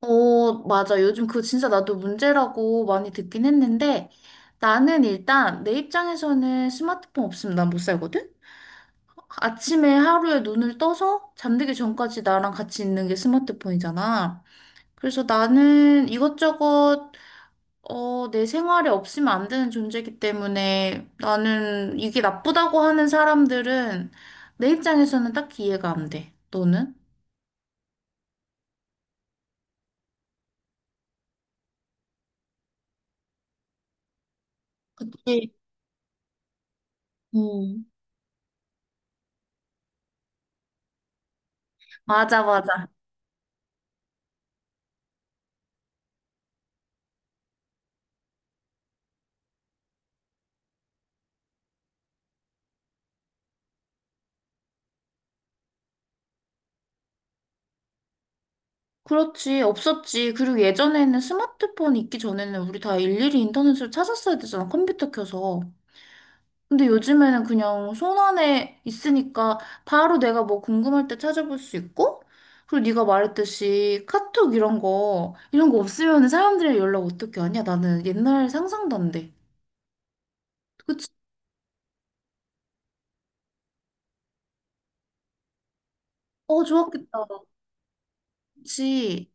어, 맞아. 요즘 그거 진짜 나도 문제라고 많이 듣긴 했는데 나는 일단 내 입장에서는 스마트폰 없으면 난 못 살거든? 아침에 하루에 눈을 떠서 잠들기 전까지 나랑 같이 있는 게 스마트폰이잖아. 그래서 나는 이것저것 어, 내 생활에 없으면 안 되는 존재이기 때문에 나는 이게 나쁘다고 하는 사람들은 내 입장에서는 딱히 이해가 안 돼. 너는? 그치. 음. 맞아, 맞아. 그렇지, 없었지. 그리고 예전에는 스마트폰 있기 전에는 우리 다 일일이 인터넷으로 찾았어야 되잖아, 컴퓨터 켜서. 근데 요즘에는 그냥 손 안에 있으니까 바로 내가 뭐 궁금할 때 찾아볼 수 있고, 그리고 네가 말했듯이 카톡 이런 거, 이런 거 없으면 사람들이랑 연락 어떻게 하냐? 나는 옛날 상상도 안 돼. 그치? 어, 좋았겠다. 그치?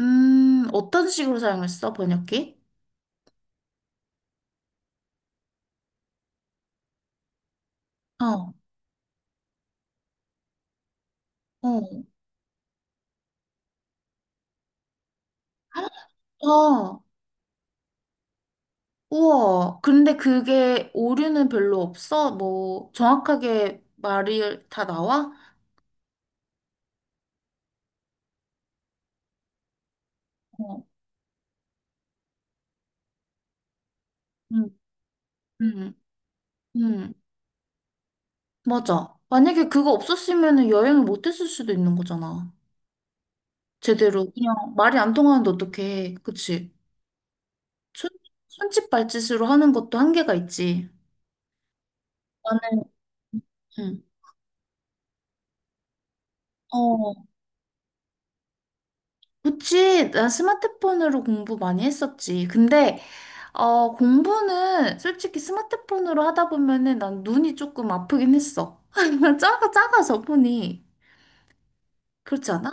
어떤 식으로 사용했어, 번역기? 어, 어, 어. 우와, 근데 그게 오류는 별로 없어? 뭐, 정확하게 말이 다 나와? 어, 응 응, 응, 맞아. 만약에 그거 없었으면 여행을 못 했을 수도 있는 거잖아. 제대로. 그냥 말이 안 통하는데 어떡해. 그치? 손, 손짓 발짓으로 하는 것도 한계가 있지. 나는, 응. 어, 그치, 난 스마트폰으로 공부 많이 했었지. 근데 어, 공부는 솔직히 스마트폰으로 하다 보면은 난 눈이 조금 아프긴 했어. 작아, 작아서 보니. 그렇지 않아?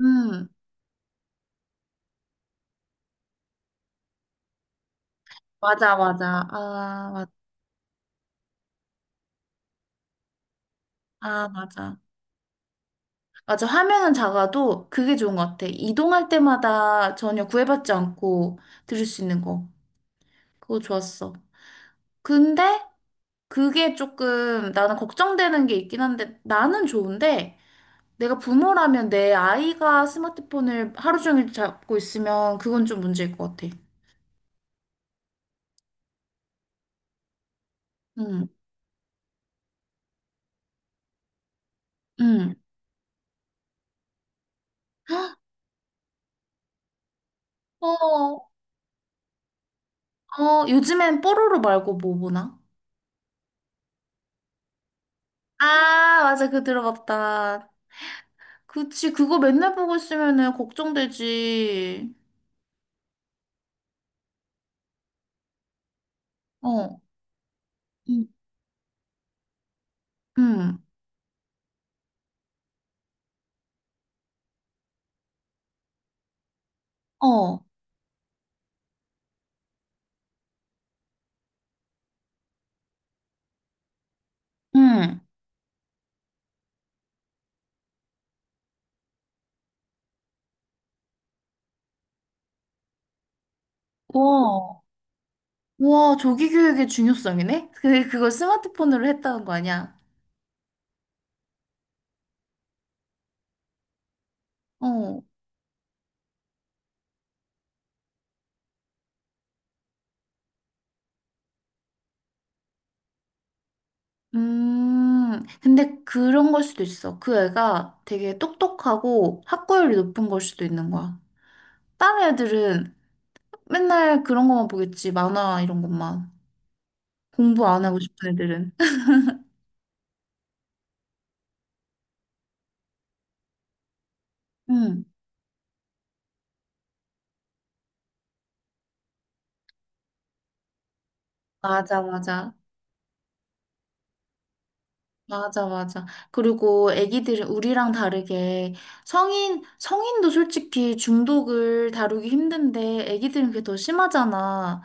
음, 맞아, 맞아. 아, 맞, 아, 맞아. 맞아. 화면은 작아도 그게 좋은 것 같아. 이동할 때마다 전혀 구애받지 않고 들을 수 있는 거. 그거 좋았어. 근데 그게 조금 나는 걱정되는 게 있긴 한데 나는 좋은데 내가 부모라면 내 아이가 스마트폰을 하루 종일 잡고 있으면 그건 좀 문제일 것 같아. 응, 응. 어, 어, 요즘엔 뽀로로 말고 뭐 보나? 아, 맞아. 그거 들어봤다. 그치, 그거 맨날 보고 있으면은 걱정되지. 어, 응, 응, 어, 응. 와, 와, 조기 교육의 중요성이네? 그, 그걸 스마트폰으로 했다는 거 아니야? 어. 근데 그런 걸 수도 있어. 그 애가 되게 똑똑하고 학구열이 높은 걸 수도 있는 거야. 다른 애들은 맨날 그런 것만 보겠지. 만화 이런 것만. 공부 안 하고 싶은 애들은. 응, 맞아, 맞아. 맞아, 맞아. 그리고 애기들은 우리랑 다르게 성인, 성인도 솔직히 중독을 다루기 힘든데 애기들은 그게 더 심하잖아.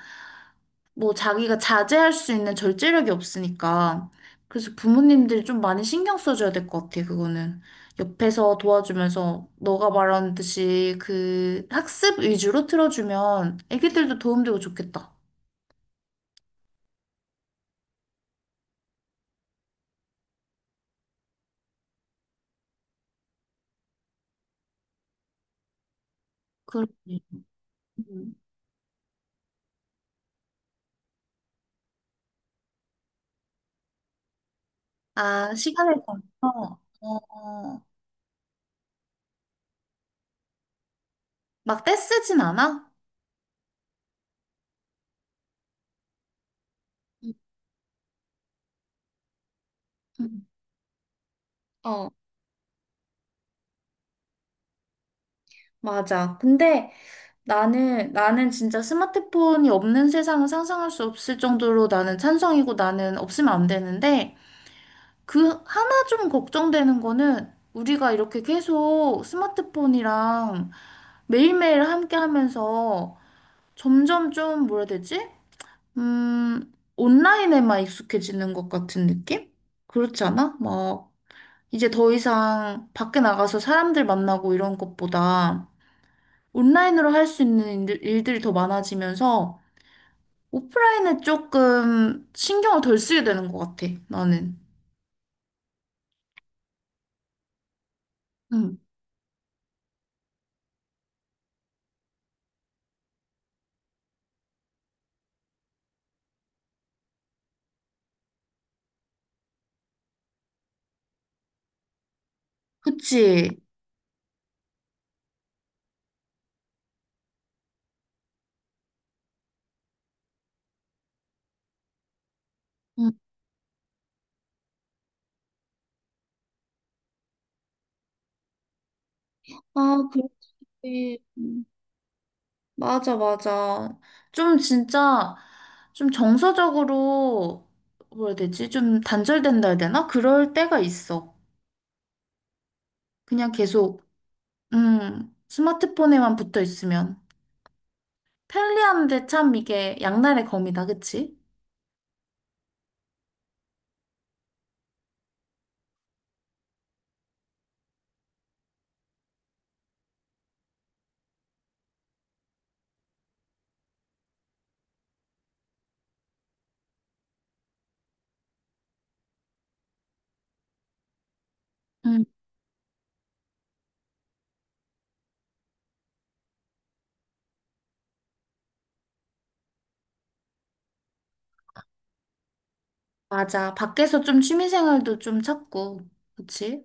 뭐 자기가 자제할 수 있는 절제력이 없으니까. 그래서 부모님들이 좀 많이 신경 써줘야 될 것 같아, 그거는. 옆에서 도와주면서 너가 말하는 듯이 그 학습 위주로 틀어주면 애기들도 도움되고 좋겠다. 그렇지. 음. 아, 시간을 정해서, 어, 막 떼쓰진 않아? 음, 음. 어, 맞아. 근데 나는 진짜 스마트폰이 없는 세상은 상상할 수 없을 정도로 나는 찬성이고 나는 없으면 안 되는데, 그 하나 좀 걱정되는 거는 우리가 이렇게 계속 스마트폰이랑 매일매일 함께 하면서 점점 좀 뭐라 해야 되지? 온라인에만 익숙해지는 것 같은 느낌? 그렇지 않아? 막 이제 더 이상 밖에 나가서 사람들 만나고 이런 것보다 온라인으로 할 수 있는 일들이 더 많아지면서 오프라인에 조금 신경을 덜 쓰게 되는 것 같아, 나는. 응, 그치? 응. 아, 음, 맞아, 맞아. 좀 진짜, 좀 정서적으로, 뭐라 해야 되지? 좀 단절된다 해야 되나? 그럴 때가 있어. 그냥 계속, 스마트폰에만 붙어 있으면. 편리한데 참 이게 양날의 검이다, 그치? 응 맞아. 밖에서 좀 취미생활도 좀 찾고, 그치?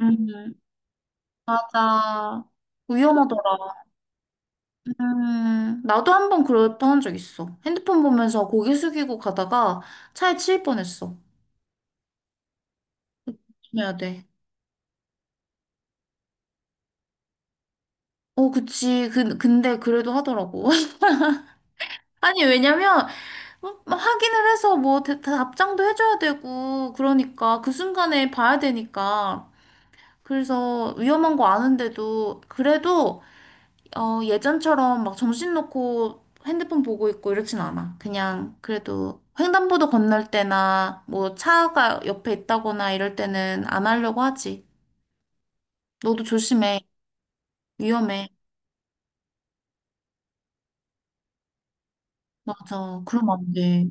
음, 맞아. 위험하더라. 나도 한 번 그랬던 적 있어. 핸드폰 보면서 고개 숙이고 가다가 차에 치일 뻔했어. 조심해야 돼. 어, 그치. 근데 그래도 하더라고. 아니, 왜냐면, 확인을 해서 뭐, 다 답장도 해줘야 되고, 그러니까, 그 순간에 봐야 되니까. 그래서 위험한 거 아는데도, 그래도 어, 예전처럼 막 정신 놓고 핸드폰 보고 있고 이렇진 않아. 그냥 그래도 횡단보도 건널 때나 뭐 차가 옆에 있다거나 이럴 때는 안 하려고 하지. 너도 조심해. 위험해. 맞아. 그럼 안 돼.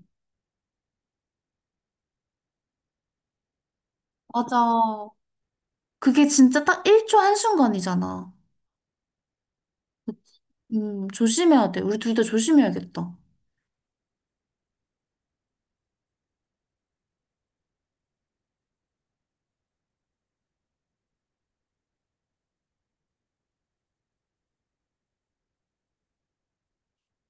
맞아. 그게 진짜 딱 1초 한순간이잖아. 조심해야 돼. 우리 둘 다 조심해야겠다.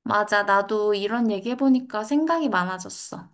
맞아. 나도 이런 얘기 해보니까 생각이 많아졌어.